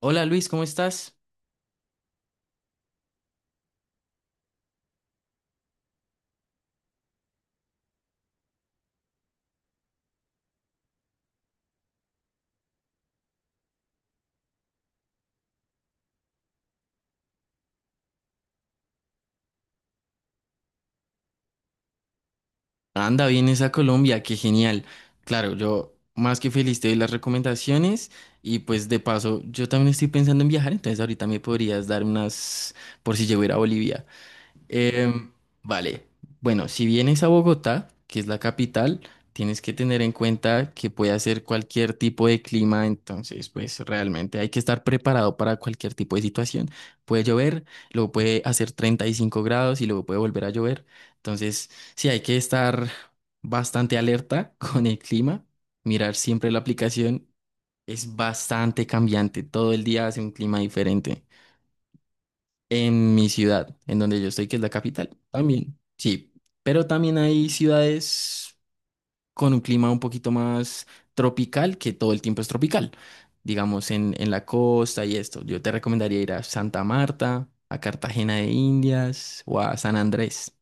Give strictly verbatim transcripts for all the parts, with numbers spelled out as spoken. Hola Luis, ¿cómo estás? Anda, vienes a Colombia, qué genial. Claro, yo más que feliz te doy las recomendaciones y pues de paso yo también estoy pensando en viajar, entonces ahorita me podrías dar unas por si llego a ir a Bolivia. Em, vale, bueno, si vienes a Bogotá, que es la capital, tienes que tener en cuenta que puede hacer cualquier tipo de clima, entonces pues realmente hay que estar preparado para cualquier tipo de situación. Puede llover, luego puede hacer treinta y cinco grados y luego puede volver a llover, entonces sí hay que estar bastante alerta con el clima, mirar siempre la aplicación, es bastante cambiante, todo el día hace un clima diferente. En mi ciudad, en donde yo estoy, que es la capital, también, sí. Pero también hay ciudades con un clima un poquito más tropical, que todo el tiempo es tropical. Digamos, en, en la costa y esto. Yo te recomendaría ir a Santa Marta, a Cartagena de Indias o a San Andrés.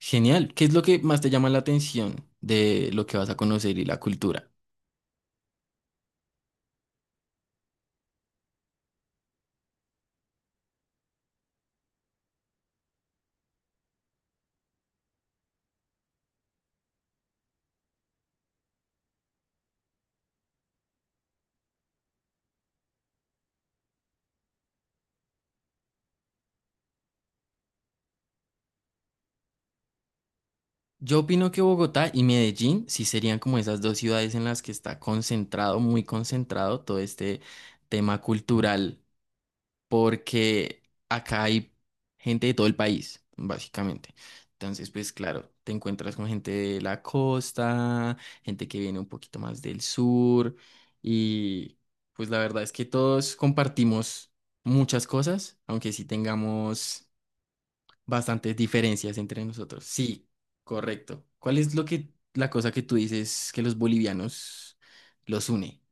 Genial. ¿Qué es lo que más te llama la atención de lo que vas a conocer y la cultura? Yo opino que Bogotá y Medellín sí serían como esas dos ciudades en las que está concentrado, muy concentrado todo este tema cultural, porque acá hay gente de todo el país, básicamente. Entonces, pues claro, te encuentras con gente de la costa, gente que viene un poquito más del sur, y pues la verdad es que todos compartimos muchas cosas, aunque sí tengamos bastantes diferencias entre nosotros. Sí, correcto. ¿Cuál es lo que, la cosa que tú dices que los bolivianos los une?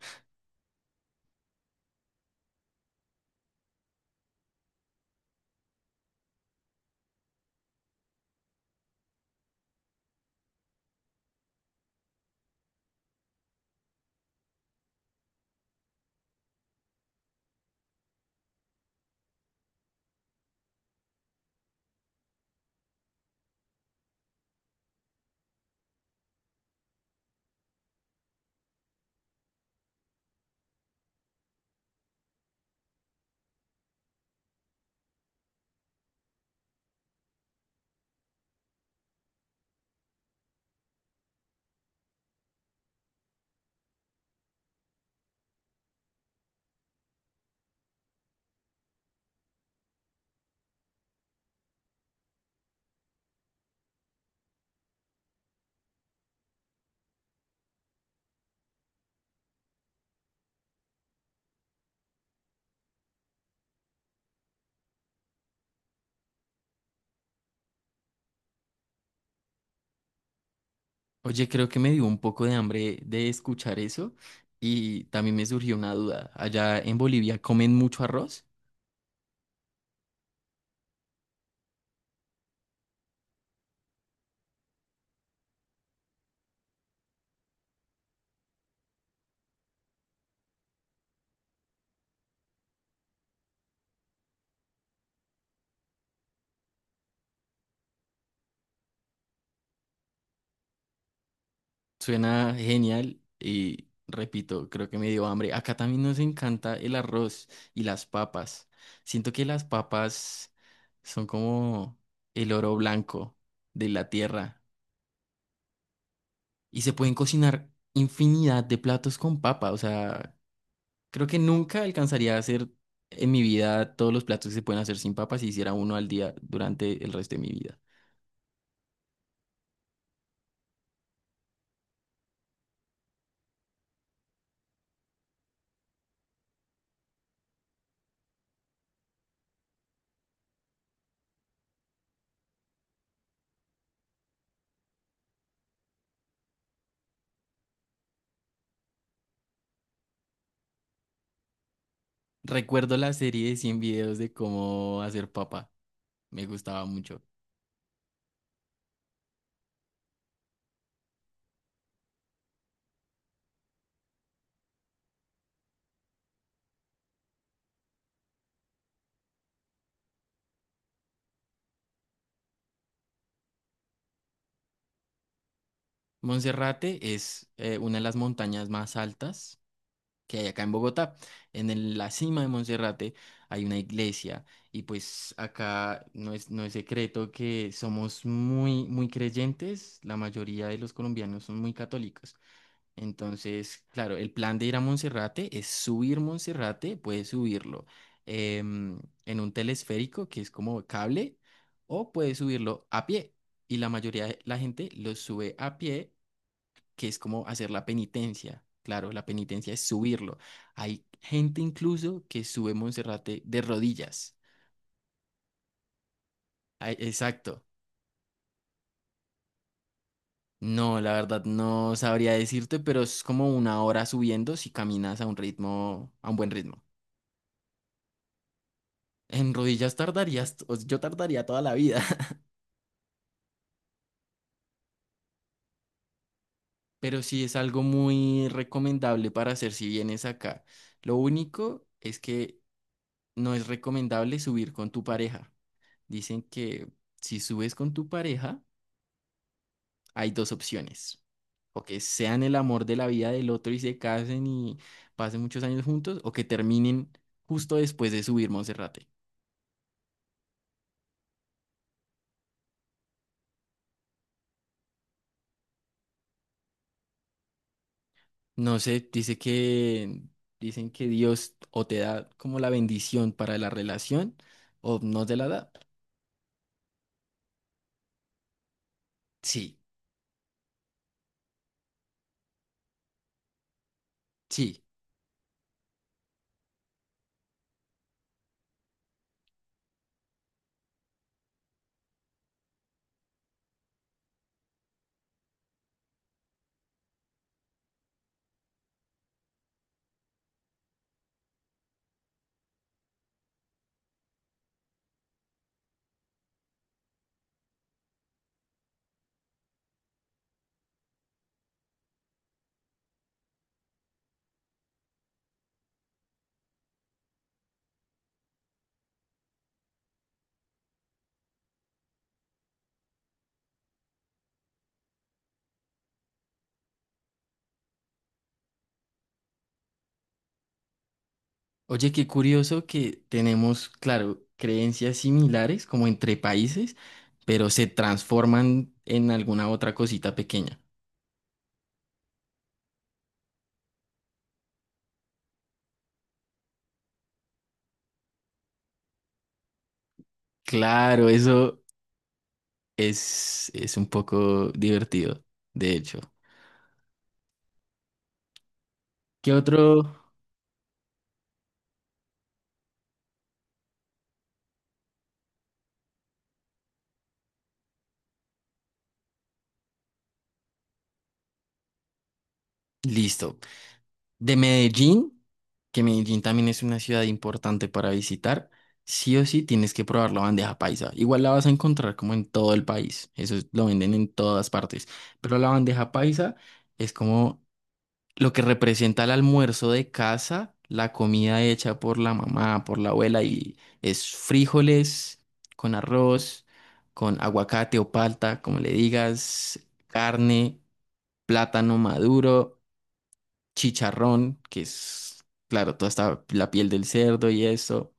Oye, creo que me dio un poco de hambre de escuchar eso y también me surgió una duda. Allá en Bolivia comen mucho arroz. Suena genial y repito, creo que me dio hambre. Acá también nos encanta el arroz y las papas. Siento que las papas son como el oro blanco de la tierra. Y se pueden cocinar infinidad de platos con papa. O sea, creo que nunca alcanzaría a hacer en mi vida todos los platos que se pueden hacer sin papa si hiciera uno al día durante el resto de mi vida. Recuerdo la serie de cien videos de cómo hacer papa. Me gustaba mucho. Monserrate es eh, una de las montañas más altas que hay acá en Bogotá. En el- la cima de Monserrate hay una iglesia y pues acá no es, no es secreto que somos muy, muy creyentes, la mayoría de los colombianos son muy católicos. Entonces, claro, el plan de ir a Monserrate es subir Monserrate, puedes subirlo em, en un telesférico que es como cable o puedes subirlo a pie. Y la mayoría de la gente lo sube a pie, que es como hacer la penitencia. Claro, la penitencia es subirlo. Hay gente incluso que sube Monserrate de rodillas. Ay, exacto. No, la verdad no sabría decirte, pero es como una hora subiendo si caminas a un ritmo, a un buen ritmo. En rodillas tardarías, o yo tardaría toda la vida, pero sí es algo muy recomendable para hacer si vienes acá. Lo único es que no es recomendable subir con tu pareja. Dicen que si subes con tu pareja, hay dos opciones. O que sean el amor de la vida del otro y se casen y pasen muchos años juntos, o que terminen justo después de subir Monserrate. No sé, dice que dicen que Dios o te da como la bendición para la relación o no te la da. Sí, sí. Oye, qué curioso que tenemos, claro, creencias similares como entre países, pero se transforman en alguna otra cosita pequeña. Claro, eso Es, es un poco divertido, de hecho. ¿Qué otro? Listo. De Medellín, que Medellín también es una ciudad importante para visitar, sí o sí tienes que probar la bandeja paisa. Igual la vas a encontrar como en todo el país, eso es- lo venden en todas partes, pero la bandeja paisa es como lo que representa el almuerzo de casa, la comida hecha por la mamá, por la abuela, y es frijoles con arroz, con aguacate o palta, como le digas, carne, plátano maduro, chicharrón, que es, claro, toda esta, la piel del cerdo y eso,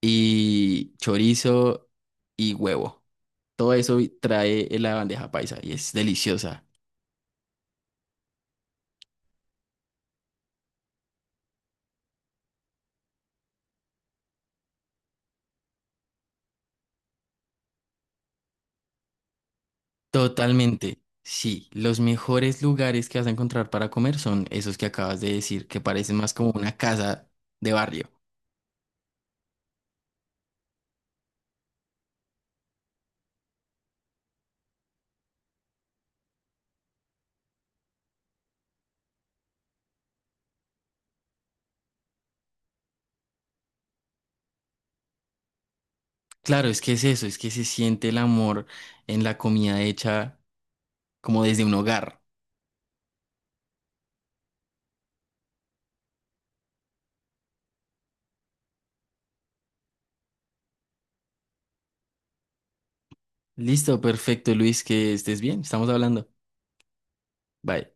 y chorizo y huevo. Todo eso trae en la bandeja paisa y es deliciosa. Totalmente. Sí, los mejores lugares que vas a encontrar para comer son esos que acabas de decir, que parecen más como una casa de barrio. Claro, es que es eso, es que se siente el amor en la comida hecha como desde un hogar. Listo, perfecto, Luis, que estés bien. Estamos hablando. Bye.